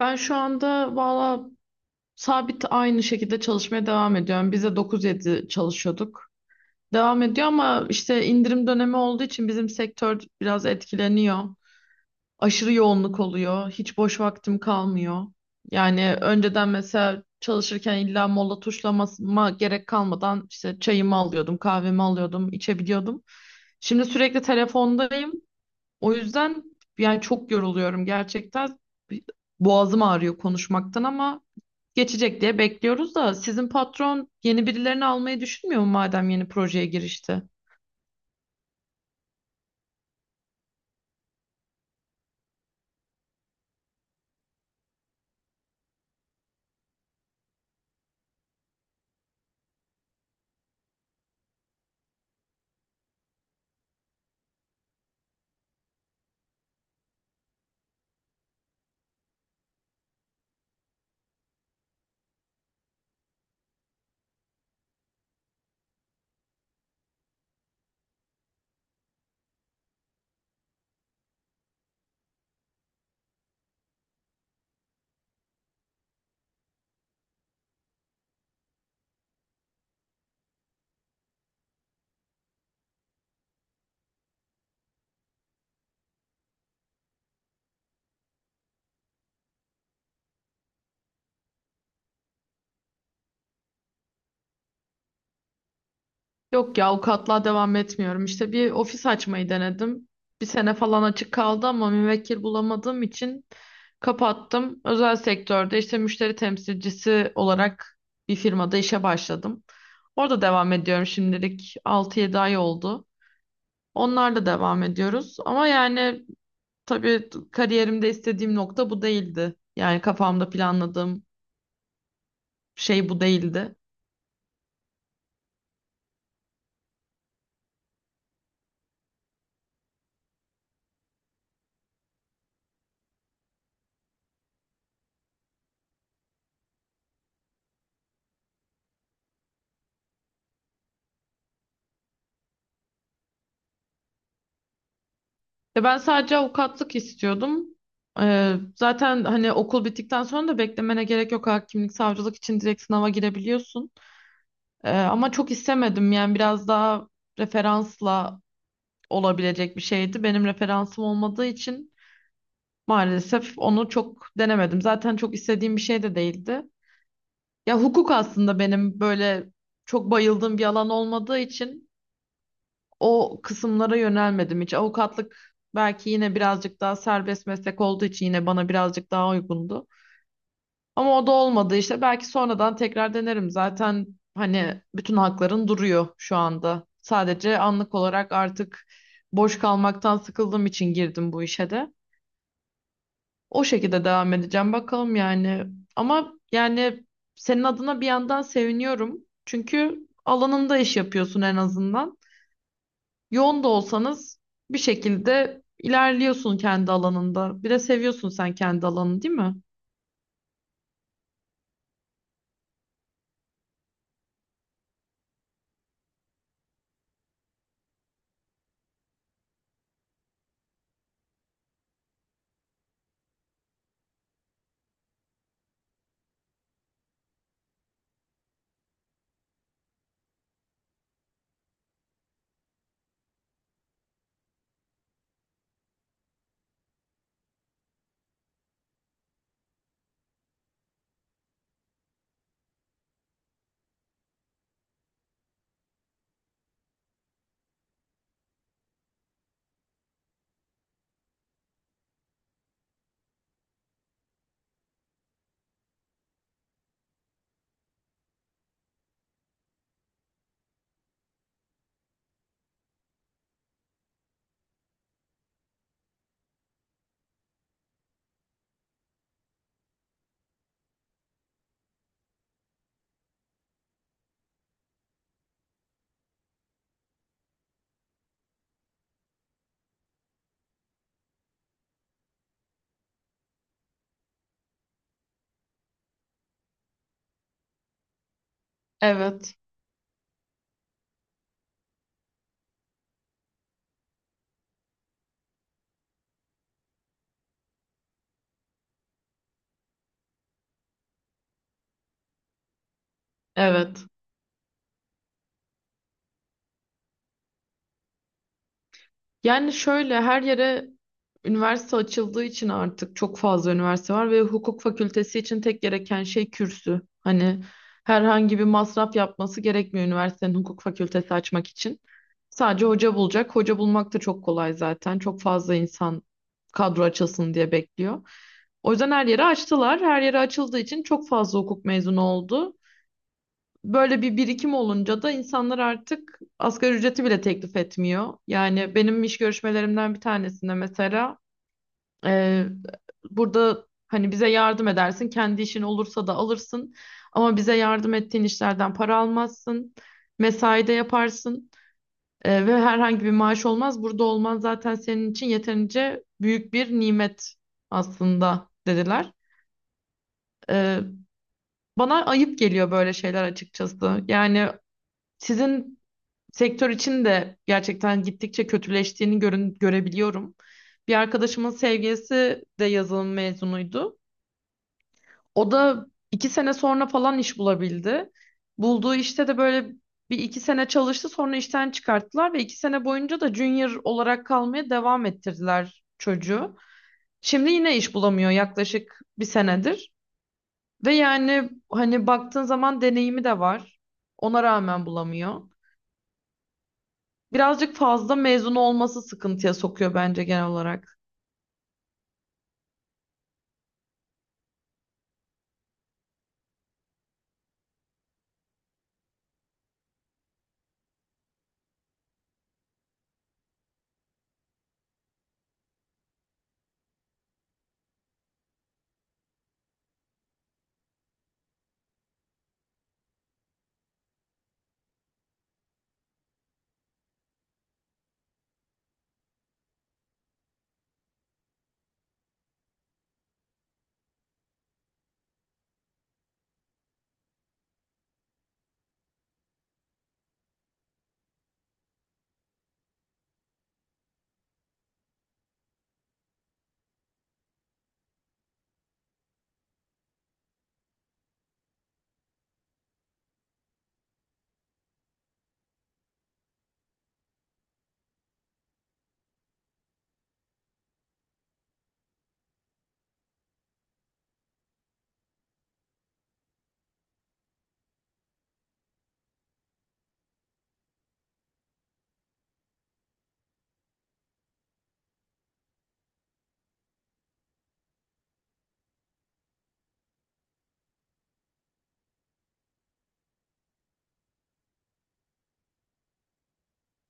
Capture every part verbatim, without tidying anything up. Ben şu anda valla sabit aynı şekilde çalışmaya devam ediyorum. Biz de dokuz yedi çalışıyorduk. Devam ediyor ama işte indirim dönemi olduğu için bizim sektör biraz etkileniyor. Aşırı yoğunluk oluyor. Hiç boş vaktim kalmıyor. Yani önceden mesela çalışırken illa mola tuşlamama gerek kalmadan işte çayımı alıyordum, kahvemi alıyordum, içebiliyordum. Şimdi sürekli telefondayım. O yüzden yani çok yoruluyorum gerçekten. Boğazım ağrıyor konuşmaktan ama geçecek diye bekliyoruz da sizin patron yeni birilerini almayı düşünmüyor mu madem yeni projeye girişti? Yok ya avukatlığa devam etmiyorum. İşte bir ofis açmayı denedim. Bir sene falan açık kaldı ama müvekkil bulamadığım için kapattım. Özel sektörde işte müşteri temsilcisi olarak bir firmada işe başladım. Orada devam ediyorum şimdilik altı yedi ay oldu. Onlarla devam ediyoruz ama yani tabii kariyerimde istediğim nokta bu değildi. Yani kafamda planladığım şey bu değildi. E ben sadece avukatlık istiyordum. Ee, zaten hani okul bittikten sonra da beklemene gerek yok. Hakimlik, savcılık için direkt sınava girebiliyorsun. Ee, ama çok istemedim. Yani biraz daha referansla olabilecek bir şeydi. Benim referansım olmadığı için maalesef onu çok denemedim. Zaten çok istediğim bir şey de değildi. Ya hukuk aslında benim böyle çok bayıldığım bir alan olmadığı için o kısımlara yönelmedim hiç. Avukatlık belki yine birazcık daha serbest meslek olduğu için yine bana birazcık daha uygundu. Ama o da olmadı işte. Belki sonradan tekrar denerim. Zaten hani bütün hakların duruyor şu anda. Sadece anlık olarak artık boş kalmaktan sıkıldığım için girdim bu işe de. O şekilde devam edeceğim bakalım yani. Ama yani senin adına bir yandan seviniyorum. Çünkü alanında iş yapıyorsun en azından. Yoğun da olsanız bir şekilde ilerliyorsun kendi alanında. Bir de seviyorsun sen kendi alanını, değil mi? Evet. Evet. Yani şöyle her yere üniversite açıldığı için artık çok fazla üniversite var ve hukuk fakültesi için tek gereken şey kürsü. Hani herhangi bir masraf yapması gerekmiyor üniversitenin hukuk fakültesi açmak için. Sadece hoca bulacak. Hoca bulmak da çok kolay zaten. Çok fazla insan kadro açılsın diye bekliyor. O yüzden her yere açtılar. Her yere açıldığı için çok fazla hukuk mezunu oldu. Böyle bir birikim olunca da insanlar artık asgari ücreti bile teklif etmiyor. Yani benim iş görüşmelerimden bir tanesinde mesela e, burada hani bize yardım edersin, kendi işin olursa da alırsın ama bize yardım ettiğin işlerden para almazsın, mesai de yaparsın e, ve herhangi bir maaş olmaz. Burada olman zaten senin için yeterince büyük bir nimet aslında dediler. E, Bana ayıp geliyor böyle şeyler açıkçası. Yani sizin sektör için de gerçekten gittikçe kötüleştiğini görün, görebiliyorum. Bir arkadaşımın sevgilisi de yazılım mezunuydu. O da iki sene sonra falan iş bulabildi. Bulduğu işte de böyle bir iki sene çalıştı sonra işten çıkarttılar ve iki sene boyunca da junior olarak kalmaya devam ettirdiler çocuğu. Şimdi yine iş bulamıyor yaklaşık bir senedir. Ve yani hani baktığın zaman deneyimi de var. Ona rağmen bulamıyor. Birazcık fazla mezun olması sıkıntıya sokuyor bence genel olarak.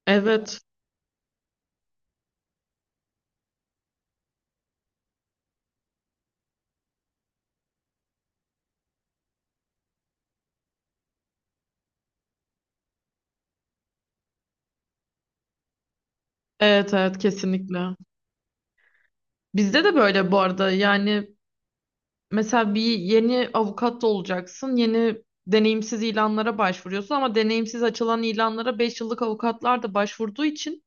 Evet. Evet, evet, kesinlikle. Bizde de böyle bu arada yani mesela bir yeni avukat da olacaksın. Yeni deneyimsiz ilanlara başvuruyorsun ama deneyimsiz açılan ilanlara beş yıllık avukatlar da başvurduğu için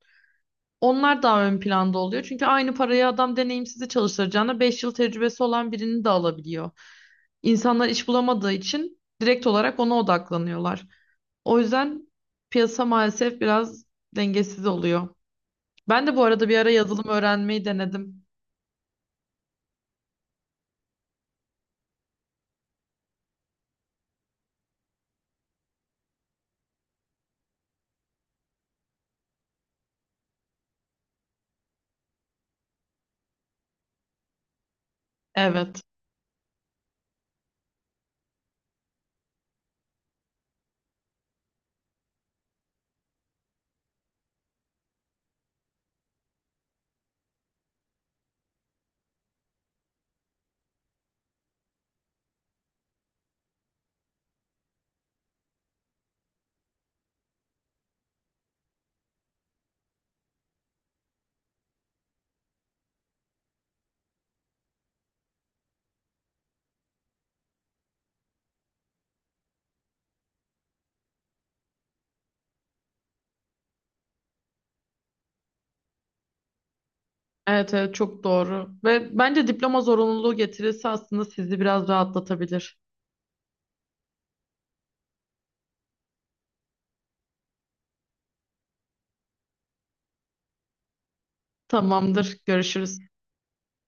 onlar daha ön planda oluyor. Çünkü aynı parayı adam deneyimsizi çalıştıracağına beş yıl tecrübesi olan birini de alabiliyor. İnsanlar iş bulamadığı için direkt olarak ona odaklanıyorlar. O yüzden piyasa maalesef biraz dengesiz oluyor. Ben de bu arada bir ara yazılım öğrenmeyi denedim. Evet. Evet, evet, çok doğru. Ve bence diploma zorunluluğu getirirse aslında sizi biraz rahatlatabilir. Tamamdır. Görüşürüz.